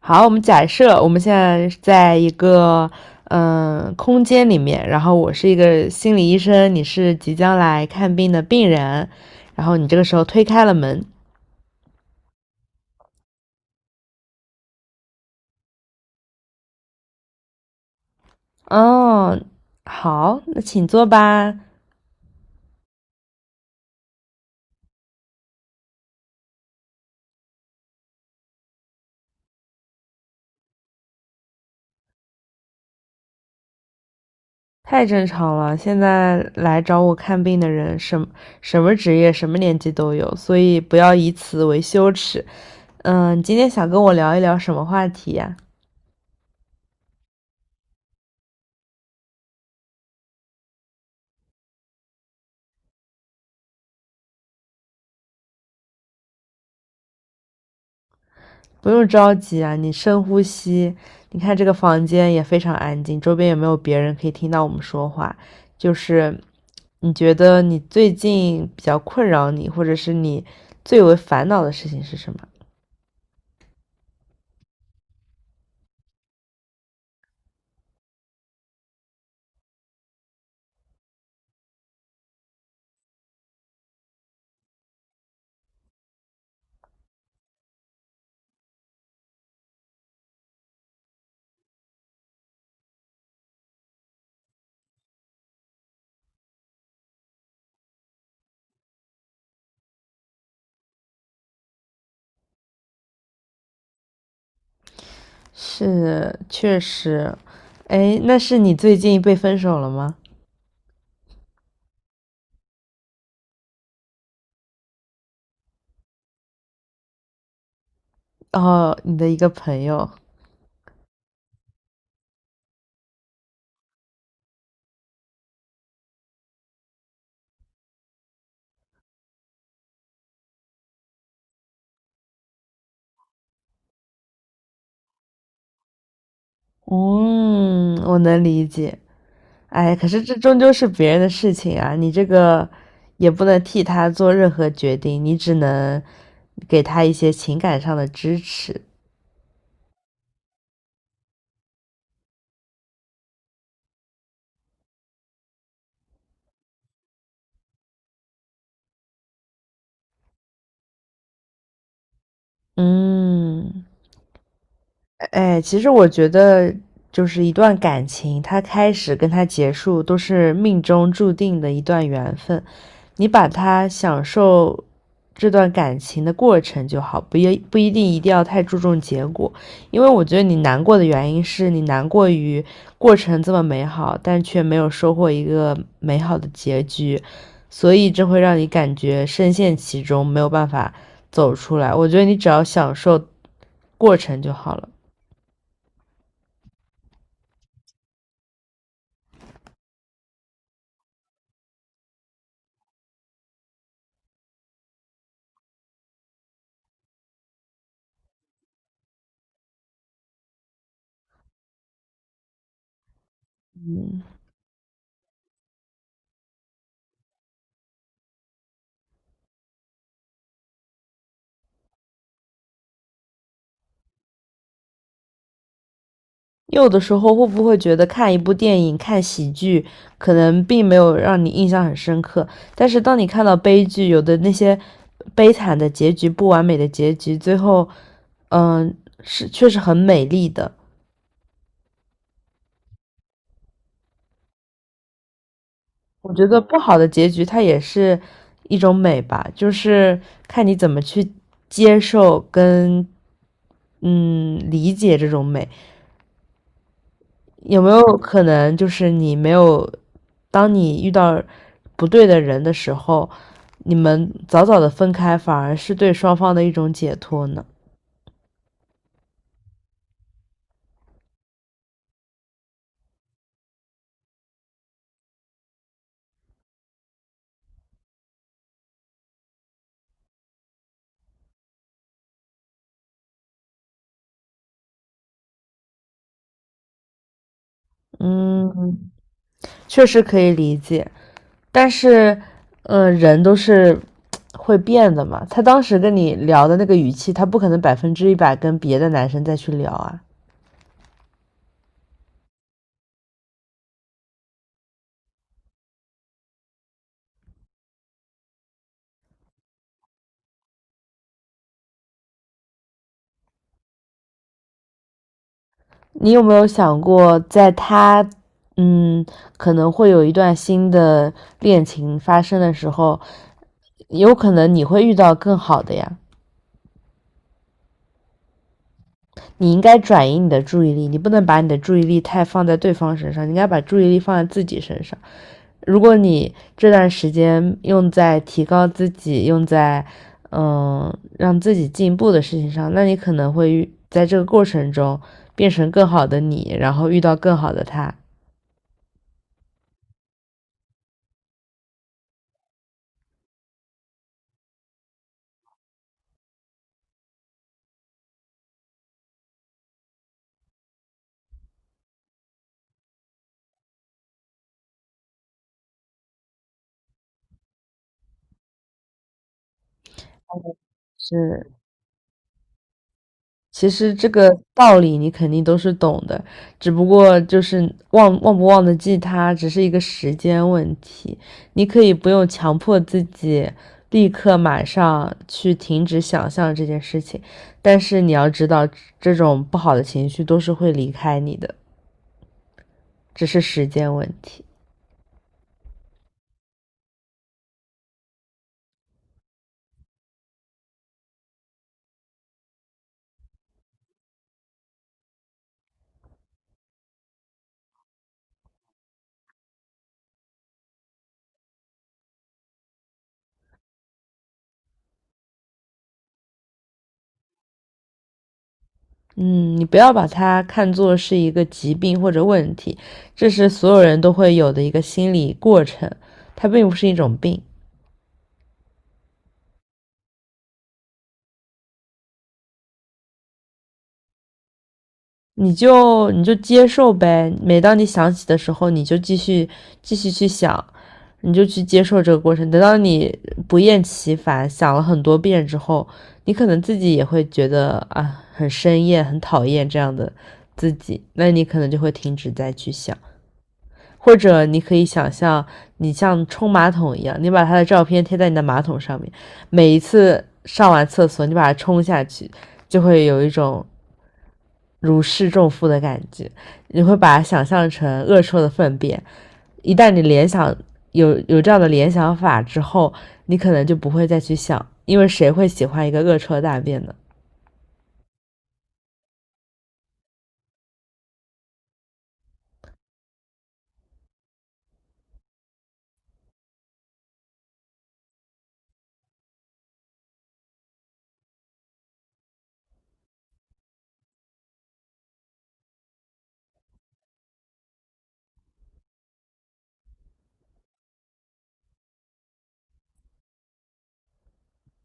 好，我们假设我们现在在一个空间里面，然后我是一个心理医生，你是即将来看病的病人，然后你这个时候推开了门。哦，好，那请坐吧。太正常了，现在来找我看病的人，什么职业、什么年纪都有，所以不要以此为羞耻。嗯，你今天想跟我聊一聊什么话题呀、不用着急啊，你深呼吸。你看这个房间也非常安静，周边也没有别人可以听到我们说话。就是你觉得你最近比较困扰你，或者是你最为烦恼的事情是什么？是，确实。哎，那是你最近被分手了吗？哦，你的一个朋友。嗯，我能理解。哎，可是这终究是别人的事情啊，你这个也不能替他做任何决定，你只能给他一些情感上的支持。嗯。哎，其实我觉得，就是一段感情，它开始跟它结束都是命中注定的一段缘分。你把它享受这段感情的过程就好，不一定一定要太注重结果。因为我觉得你难过的原因是你难过于过程这么美好，但却没有收获一个美好的结局，所以这会让你感觉深陷其中，没有办法走出来。我觉得你只要享受过程就好了。有的时候会不会觉得看一部电影、看喜剧，可能并没有让你印象很深刻，但是当你看到悲剧，有的那些悲惨的结局、不完美的结局，最后，嗯、呃是确实很美丽的。我觉得不好的结局它也是一种美吧，就是看你怎么去接受跟理解这种美。有没有可能就是你没有，当你遇到不对的人的时候，你们早早的分开，反而是对双方的一种解脱呢？嗯，确实可以理解，但是，人都是会变的嘛。他当时跟你聊的那个语气，他不可能百分之一百跟别的男生再去聊啊。你有没有想过，在他，嗯，可能会有一段新的恋情发生的时候，有可能你会遇到更好的呀。你应该转移你的注意力，你不能把你的注意力太放在对方身上，你应该把注意力放在自己身上。如果你这段时间用在提高自己、用在嗯让自己进步的事情上，那你可能会遇在这个过程中变成更好的你，然后遇到更好的他。是其实这个道理你肯定都是懂的，只不过就是忘不忘得记它，只是一个时间问题。你可以不用强迫自己立刻马上去停止想象这件事情，但是你要知道，这种不好的情绪都是会离开你的，只是时间问题。嗯，你不要把它看作是一个疾病或者问题，这是所有人都会有的一个心理过程，它并不是一种病。你就接受呗。每当你想起的时候，你就继续去想，你就去接受这个过程。等到你不厌其烦想了很多遍之后，你可能自己也会觉得啊，很生厌、很讨厌这样的自己，那你可能就会停止再去想。或者你可以想象，你像冲马桶一样，你把他的照片贴在你的马桶上面，每一次上完厕所，你把它冲下去，就会有一种如释重负的感觉。你会把它想象成恶臭的粪便。一旦你联想有这样的联想法之后，你可能就不会再去想，因为谁会喜欢一个恶臭的大便呢？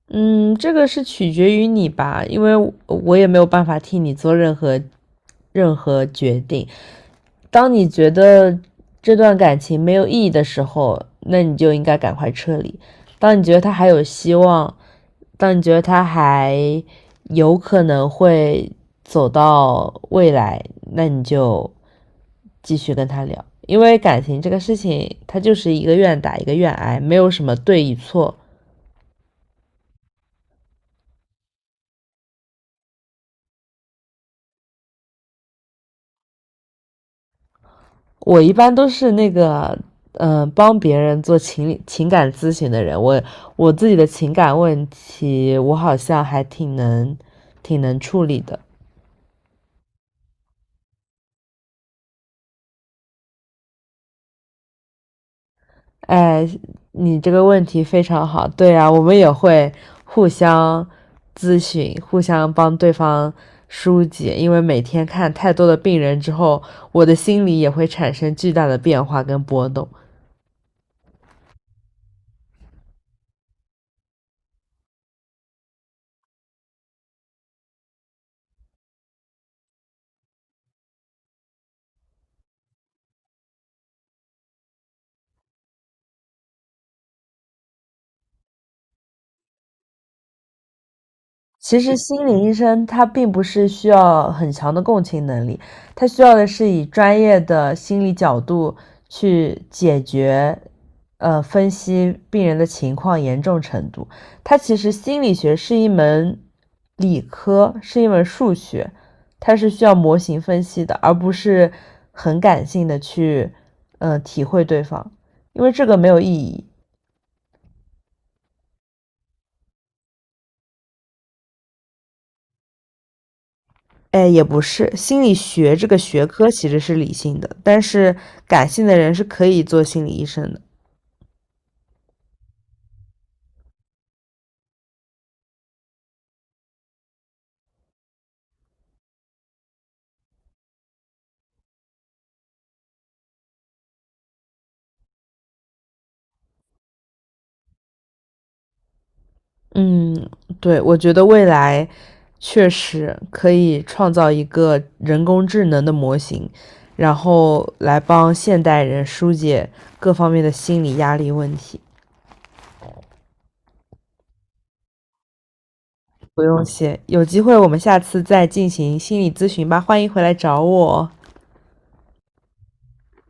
嗯，这个是取决于你吧，因为我也没有办法替你做任何决定。当你觉得这段感情没有意义的时候，那你就应该赶快撤离；当你觉得他还有希望，但你觉得他还有可能会走到未来，那你就继续跟他聊，因为感情这个事情，它就是一个愿打一个愿挨，没有什么对与错。我一般都是那个，帮别人做情感咨询的人。我自己的情感问题，我好像还挺能处理的。哎，你这个问题非常好。对啊，我们也会互相咨询，互相帮对方疏解，因为每天看太多的病人之后，我的心里也会产生巨大的变化跟波动。其实心理医生他并不是需要很强的共情能力，他需要的是以专业的心理角度去解决，分析病人的情况严重程度。他其实心理学是一门理科，是一门数学，它是需要模型分析的，而不是很感性的去，体会对方，因为这个没有意义。哎，也不是，心理学这个学科其实是理性的，但是感性的人是可以做心理医生的。嗯，对，我觉得未来确实可以创造一个人工智能的模型，然后来帮现代人疏解各方面的心理压力问题。不用谢，有机会我们下次再进行心理咨询吧，欢迎回来找我哦。